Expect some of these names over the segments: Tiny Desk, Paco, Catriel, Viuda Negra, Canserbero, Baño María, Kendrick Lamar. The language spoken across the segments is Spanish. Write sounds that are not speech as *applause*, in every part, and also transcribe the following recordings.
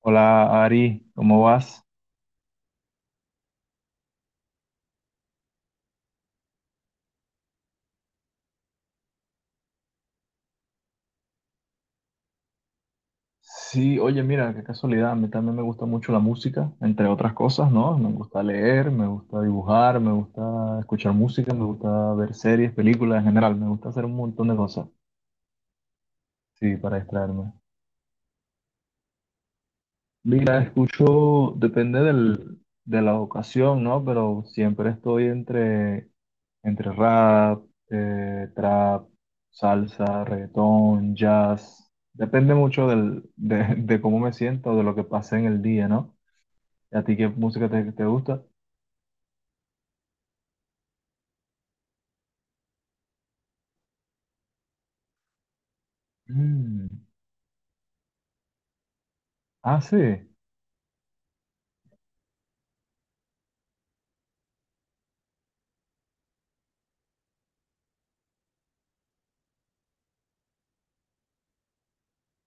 Hola Ari, ¿cómo vas? Sí, oye, mira, qué casualidad, a mí también me gusta mucho la música, entre otras cosas, ¿no? Me gusta leer, me gusta dibujar, me gusta escuchar música, me gusta ver series, películas en general, me gusta hacer un montón de cosas, sí, para distraerme. Mira, escucho, depende de la ocasión, ¿no? Pero siempre estoy entre rap, trap, salsa, reggaetón, jazz. Depende mucho *laughs* de cómo me siento, de lo que pase en el día, ¿no? ¿A ti qué música te gusta? Mm. Ah, sí,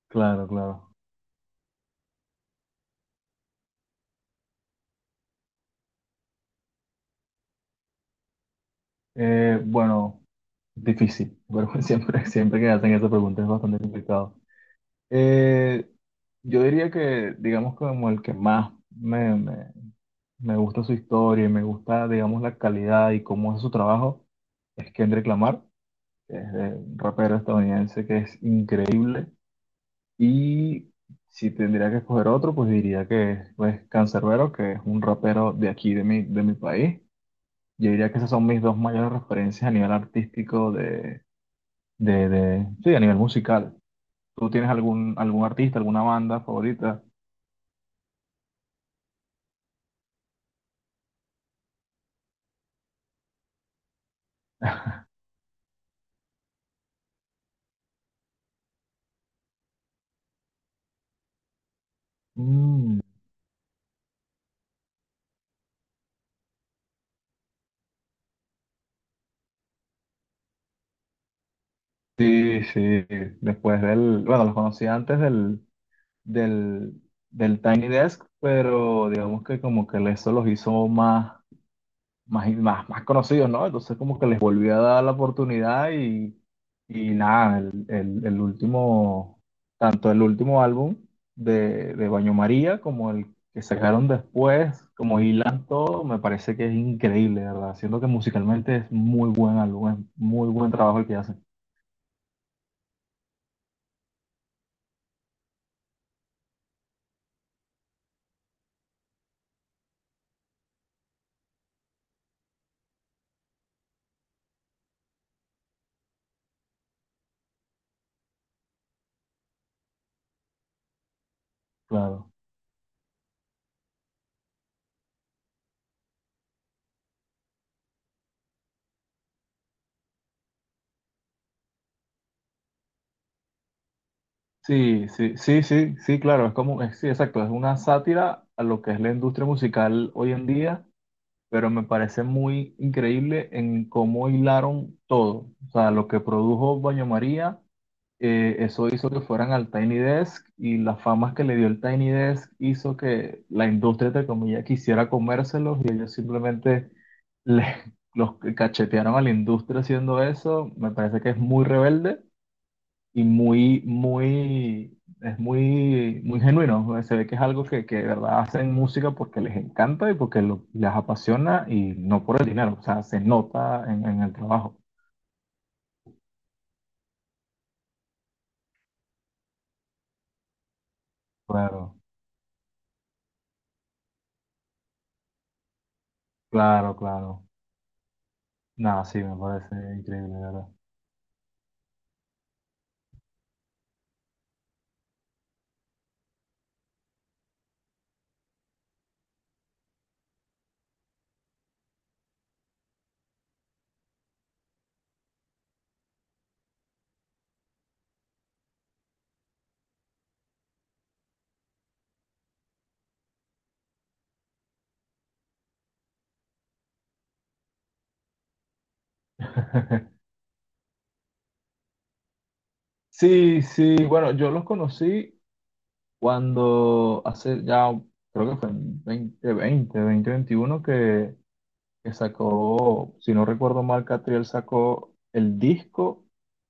claro, claro. Bueno, difícil, pero *laughs* siempre que hacen esa pregunta es bastante complicado. Eh, yo diría que, digamos, como el que más me gusta su historia y me gusta, digamos, la calidad y cómo hace su trabajo, es Kendrick Lamar, que es un rapero estadounidense que es increíble. Y si tendría que escoger otro, pues diría que es pues, Canserbero, que es un rapero de aquí, de mi país. Yo diría que esas son mis dos mayores referencias a nivel artístico sí, a nivel musical. ¿Tú tienes algún artista, alguna banda favorita? Mm, sí, sí. Después del, bueno, los conocí antes del, del Tiny Desk, pero digamos que como que eso los hizo más, más conocidos, ¿no? Entonces como que les volví a dar la oportunidad y nada, el último, tanto el último álbum de Baño María como el que sacaron después, como hilan todo, me parece que es increíble, ¿verdad? Siendo que musicalmente es muy buen álbum, es muy buen trabajo el que hacen, claro. Sí, sí, sí, sí, sí, claro, es como, es- sí, exacto, es una sátira a lo que es la industria musical hoy en día, pero me parece muy increíble en cómo hilaron todo, o sea, lo que produjo Baño María, eso hizo que fueran al Tiny Desk y las famas que le dio el Tiny Desk hizo que la industria, entre comillas, quisiera comérselos y ellos simplemente le- *laughs* los cachetearon a la industria haciendo eso, me parece que es muy rebelde y es muy genuino. ¿No? Se ve que es algo que de verdad hacen música porque les encanta y porque lo- les apasiona y no por el dinero. O sea, se nota en el trabajo. Claro, claro, claro. Nada, sí, me parece increíble, de verdad. *laughs* Sí, sí, bueno, yo los conocí cuando hace ya, creo que fue en 2020, veintiuno que sacó, si no recuerdo mal, Catriel sacó el disco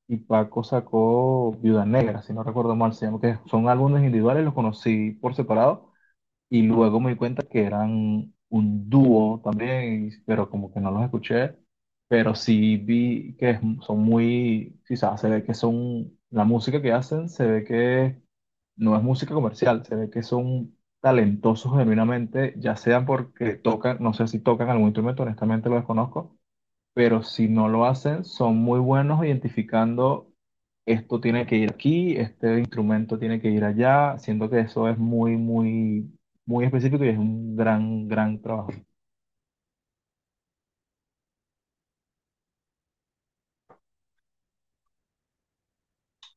y Paco sacó Viuda Negra, si no recuerdo mal, se llama, que son álbumes individuales, los conocí por separado, y luego me di cuenta que eran un dúo también, y- pero como que no los escuché. Pero sí vi que es- son muy, quizás se ve que son, la música que hacen se ve que no es música comercial, se ve que son talentosos genuinamente, ya sean porque tocan, no sé si tocan algún instrumento, honestamente lo desconozco, pero si no lo hacen, son muy buenos identificando esto tiene que ir aquí, este instrumento tiene que ir allá. Siento que eso es muy específico y es un gran trabajo.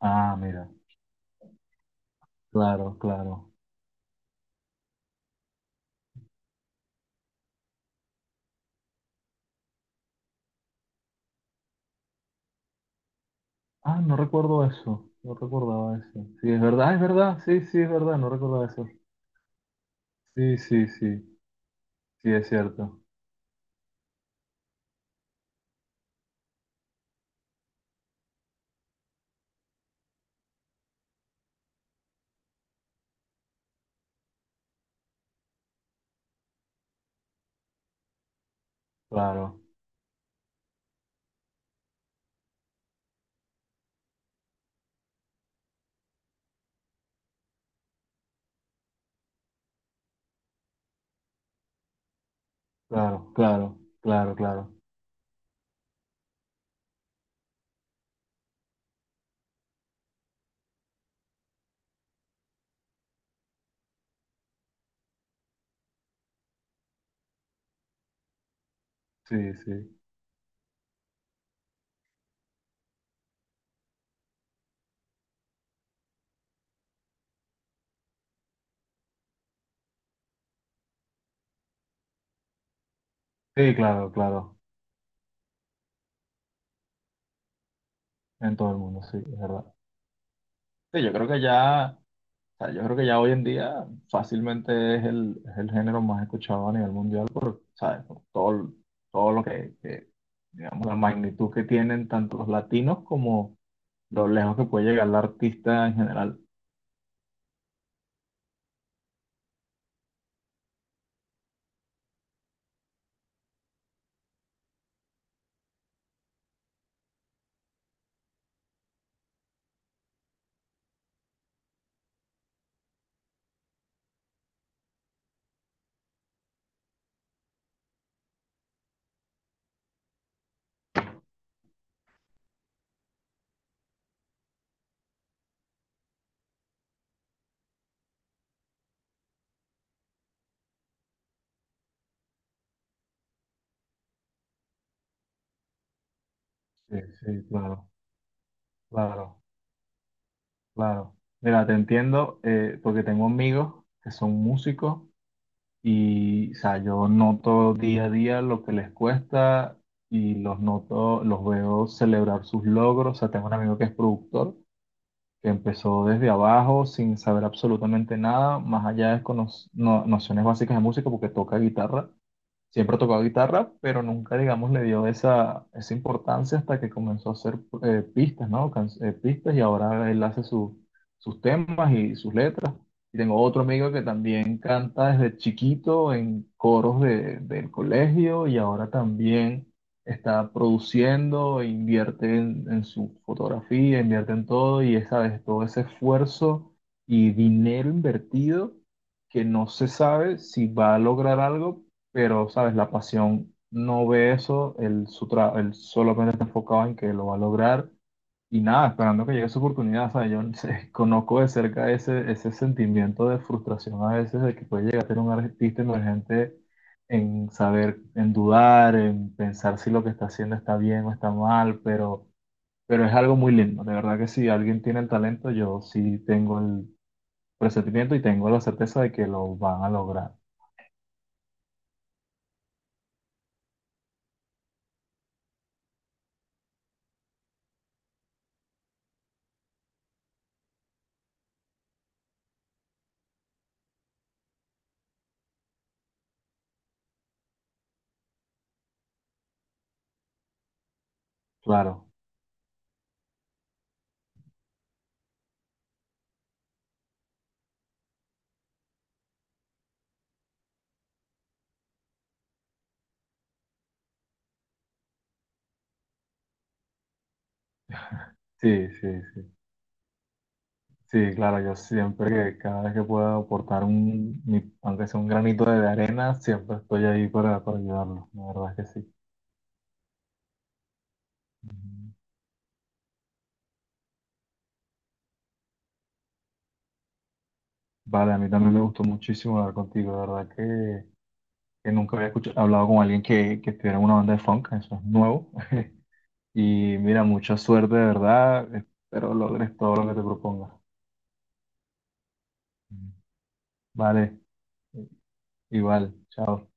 Ah, mira, claro, claro. Ah, no recuerdo eso, no recordaba eso. Sí, es verdad, sí, sí, es verdad, no recordaba eso. Sí, sí, sí, sí, es cierto. Claro, claro, claro, claro, claro. Sí, sí. Sí, claro, claro. En todo el mundo, sí, es verdad. Sí, yo creo que ya. O sea, yo creo que ya hoy en día fácilmente es es el género más escuchado a nivel mundial por, ¿sabes? Por todo, todo lo digamos, la magnitud que tienen tanto los latinos como lo lejos que puede llegar el artista en general. Sí, sí, claro, claro, claro. Mira, te entiendo, porque tengo amigos que son músicos y, o sea, yo noto día a día lo que les cuesta y los noto, los veo celebrar sus logros. O sea, tengo un amigo que es productor que empezó desde abajo sin saber absolutamente nada, más allá de cono- no- nociones básicas de música, porque toca guitarra. Siempre tocó guitarra, pero nunca, digamos, le dio esa, esa importancia hasta que comenzó a hacer pistas, ¿no? Pistas y ahora él hace su- sus temas y sus letras. Y tengo otro amigo que también canta desde chiquito en coros de- del colegio y ahora también está produciendo, invierte en su fotografía, invierte en todo y esa vez todo ese esfuerzo y dinero invertido que no se sabe si va a lograr algo pero, ¿sabes? La pasión no ve eso, él, su tra- él solamente está enfocado en que lo va a lograr y nada, esperando que llegue su oportunidad, ¿sabes? Yo no sé, *laughs* conozco de cerca ese, ese sentimiento de frustración a veces de que puede llegar a tener un artista emergente en saber, en dudar, en pensar si lo que está haciendo está bien o está mal, pero es algo muy lindo. De verdad que si alguien tiene el talento, yo sí tengo el presentimiento y tengo la certeza de que lo van a lograr. Claro, sí, sí, sí. Sí, claro, yo siempre que cada vez que pueda aportar un, mi- aunque sea un granito de arena, siempre estoy ahí para ayudarlo, la verdad es que sí. Ujú. Vale, a mí también me gustó muchísimo hablar contigo, la verdad que nunca había escuchado, hablado con alguien que estuviera en una banda de funk, eso es nuevo. *laughs* Y mira, mucha suerte, de verdad, espero logres todo lo que te propongas. Ujú. Vale, igual, chao.